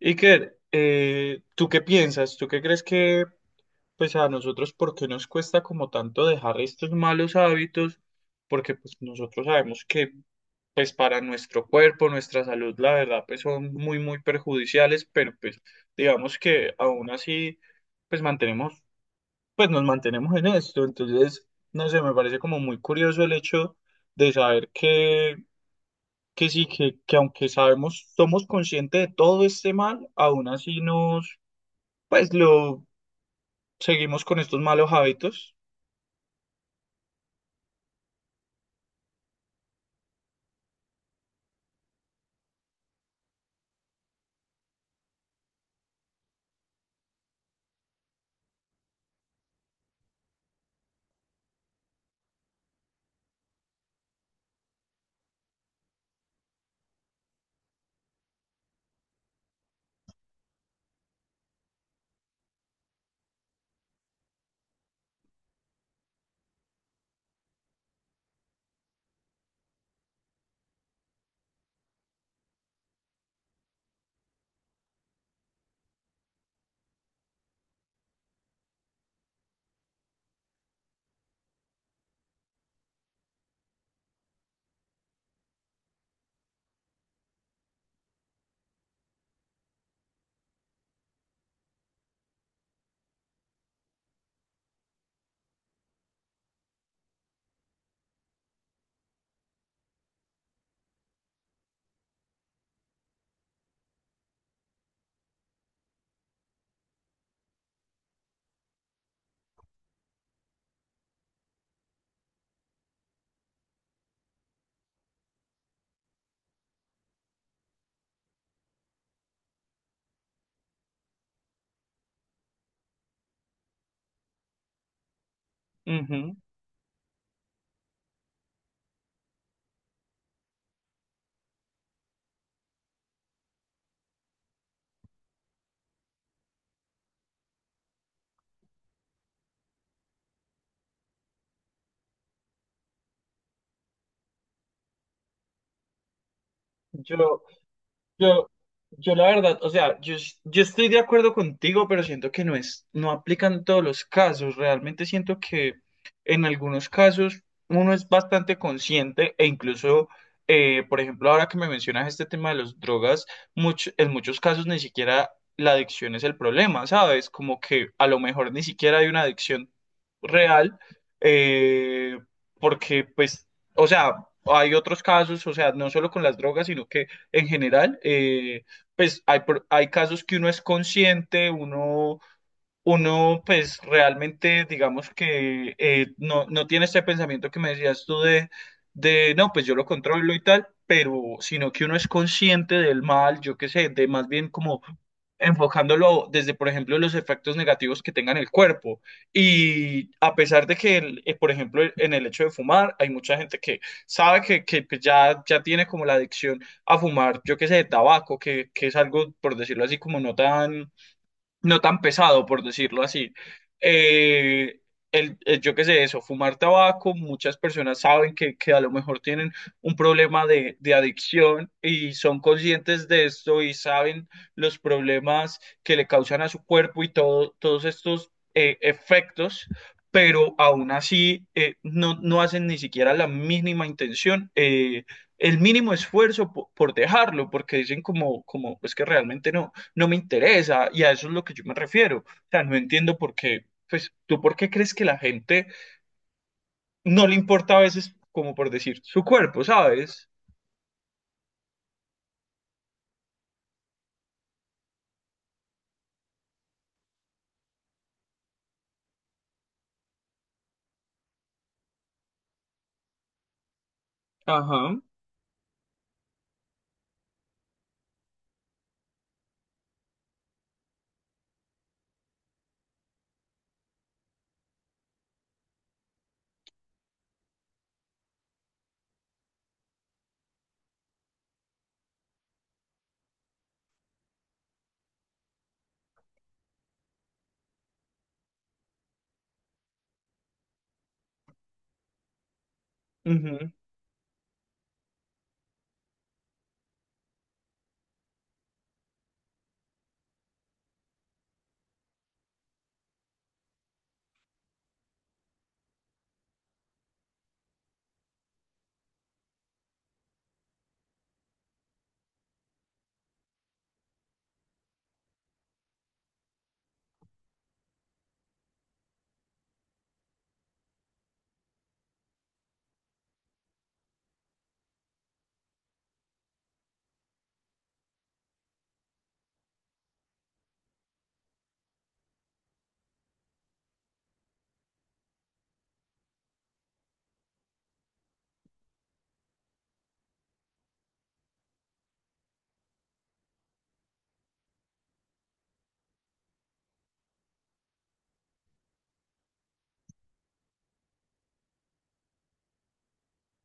Iker, ¿tú qué piensas? ¿Tú qué crees que, pues a nosotros, por qué nos cuesta como tanto dejar estos malos hábitos? Porque pues nosotros sabemos que, pues para nuestro cuerpo, nuestra salud, la verdad, pues son muy, muy perjudiciales, pero pues digamos que aún así, pues nos mantenemos en esto. Entonces, no sé, me parece como muy curioso el hecho de saber que sí, que aunque sabemos, somos conscientes de todo este mal, aún así nos pues lo seguimos con estos malos hábitos. Ujú. Yo, Yo, yo la verdad, o sea, yo, yo estoy de acuerdo contigo, pero siento que no es, no aplican todos los casos. Realmente siento que en algunos casos uno es bastante consciente e incluso, por ejemplo, ahora que me mencionas este tema de las drogas, en muchos casos ni siquiera la adicción es el problema, ¿sabes? Como que a lo mejor ni siquiera hay una adicción real, eh, porque pues, o sea, hay otros casos, o sea, no solo con las drogas, sino que en general. Pues hay, hay casos que uno es consciente, uno pues realmente digamos que no, no tiene este pensamiento que me decías tú de no, pues yo lo controlo y tal, pero sino que uno es consciente del mal, yo qué sé, de más bien como enfocándolo desde, por ejemplo, los efectos negativos que tenga en el cuerpo. Y a pesar de que, por ejemplo, en el hecho de fumar, hay mucha gente que sabe que pues, ya, ya tiene como la adicción a fumar, yo qué sé, de tabaco, que es algo, por decirlo así, como no tan pesado, por decirlo así. Eh, yo qué sé, eso, fumar tabaco, muchas personas saben que a lo mejor tienen un problema de adicción y son conscientes de esto y saben los problemas que le causan a su cuerpo y todo, todos estos efectos. Pero aún así no, no hacen ni siquiera la mínima intención, el mínimo esfuerzo por, dejarlo, porque dicen como, es que realmente no me interesa y a eso es lo que yo me refiero. O sea, no entiendo por qué, pues tú por qué crees que la gente no le importa a veces, como por decir, su cuerpo, ¿sabes? Ajá. Ujú.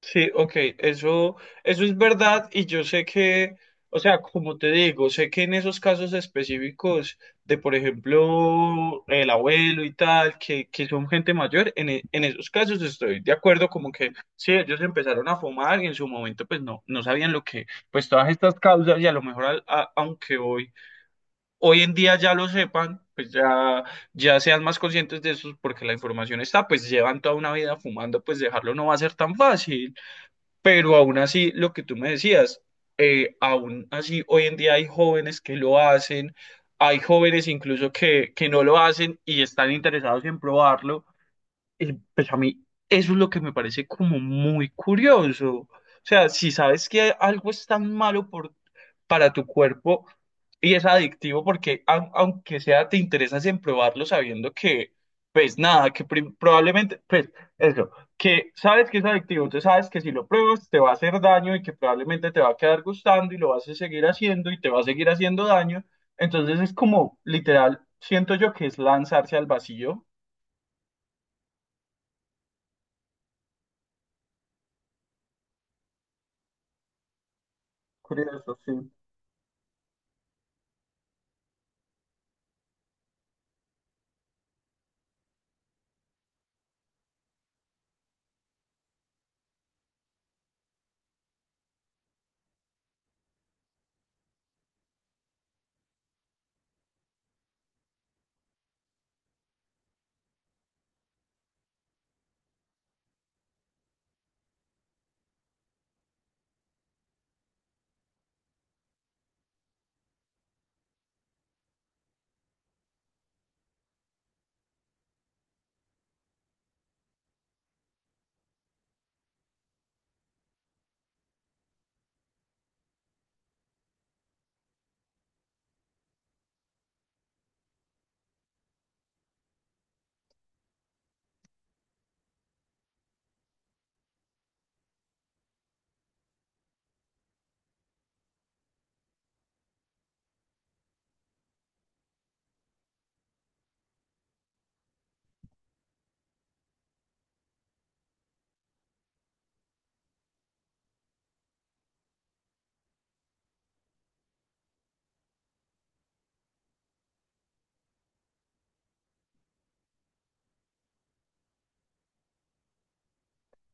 Sí, ok, eso, eso es verdad y yo sé que, o sea, como te digo, sé que en esos casos específicos de, por ejemplo, el abuelo y tal, que son gente mayor, en esos casos estoy de acuerdo, como que sí, ellos empezaron a fumar y en su momento pues no, no sabían lo que, pues todas estas causas y a lo mejor aunque hoy en día ya lo sepan, pues ya, ya sean más conscientes de eso porque la información está, pues llevan toda una vida fumando, pues dejarlo no va a ser tan fácil. Pero aún así, lo que tú me decías, aún así hoy en día hay jóvenes que lo hacen, hay jóvenes incluso que no lo hacen y están interesados en probarlo. Y pues a mí eso es lo que me parece como muy curioso. O sea, si sabes que algo es tan malo por para tu cuerpo y es adictivo porque aunque sea te interesas en probarlo sabiendo que pues nada, que probablemente pues eso, que sabes que es adictivo, entonces sabes que si lo pruebas te va a hacer daño y que probablemente te va a quedar gustando y lo vas a seguir haciendo y te va a seguir haciendo daño, entonces es como literal, siento yo que es lanzarse al vacío. Curioso, sí.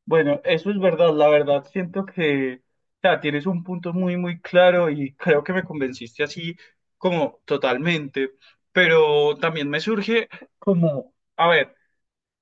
Bueno, eso es verdad, la verdad. Siento que, o sea, tienes un punto muy, muy claro y creo que me convenciste así como totalmente, pero también me surge como, a ver.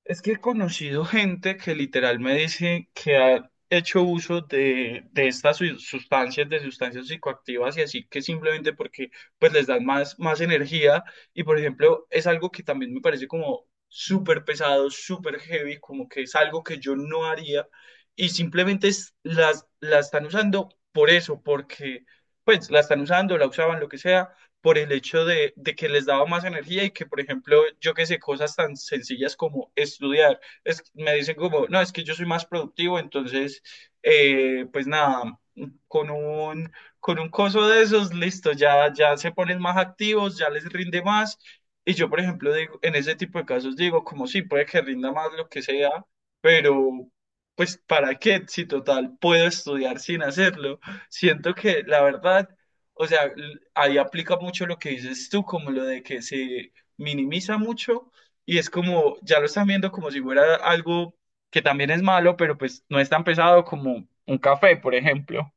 Es que he conocido gente que literal me dice que ha hecho uso de estas sustancias, de sustancias psicoactivas y así que simplemente porque pues les dan más, más energía y por ejemplo es algo que también me parece como súper pesado, súper heavy, como que es algo que yo no haría y simplemente la están usando por eso, porque pues la están usando, la usaban, lo que sea por el hecho de que les daba más energía y que, por ejemplo, yo que sé, cosas tan sencillas como estudiar, es, me dicen como, no, es que yo soy más productivo, entonces, pues nada, con un, con un coso de esos, listo, ya, ya se ponen más activos, ya les rinde más. Y yo, por ejemplo, digo, en ese tipo de casos digo, como sí, puede que rinda más lo que sea, pero pues ¿para qué? Si total, puedo estudiar sin hacerlo. Siento que la verdad o sea, ahí aplica mucho lo que dices tú, como lo de que se minimiza mucho y es como, ya lo están viendo como si fuera algo que también es malo, pero pues no es tan pesado como un café, por ejemplo.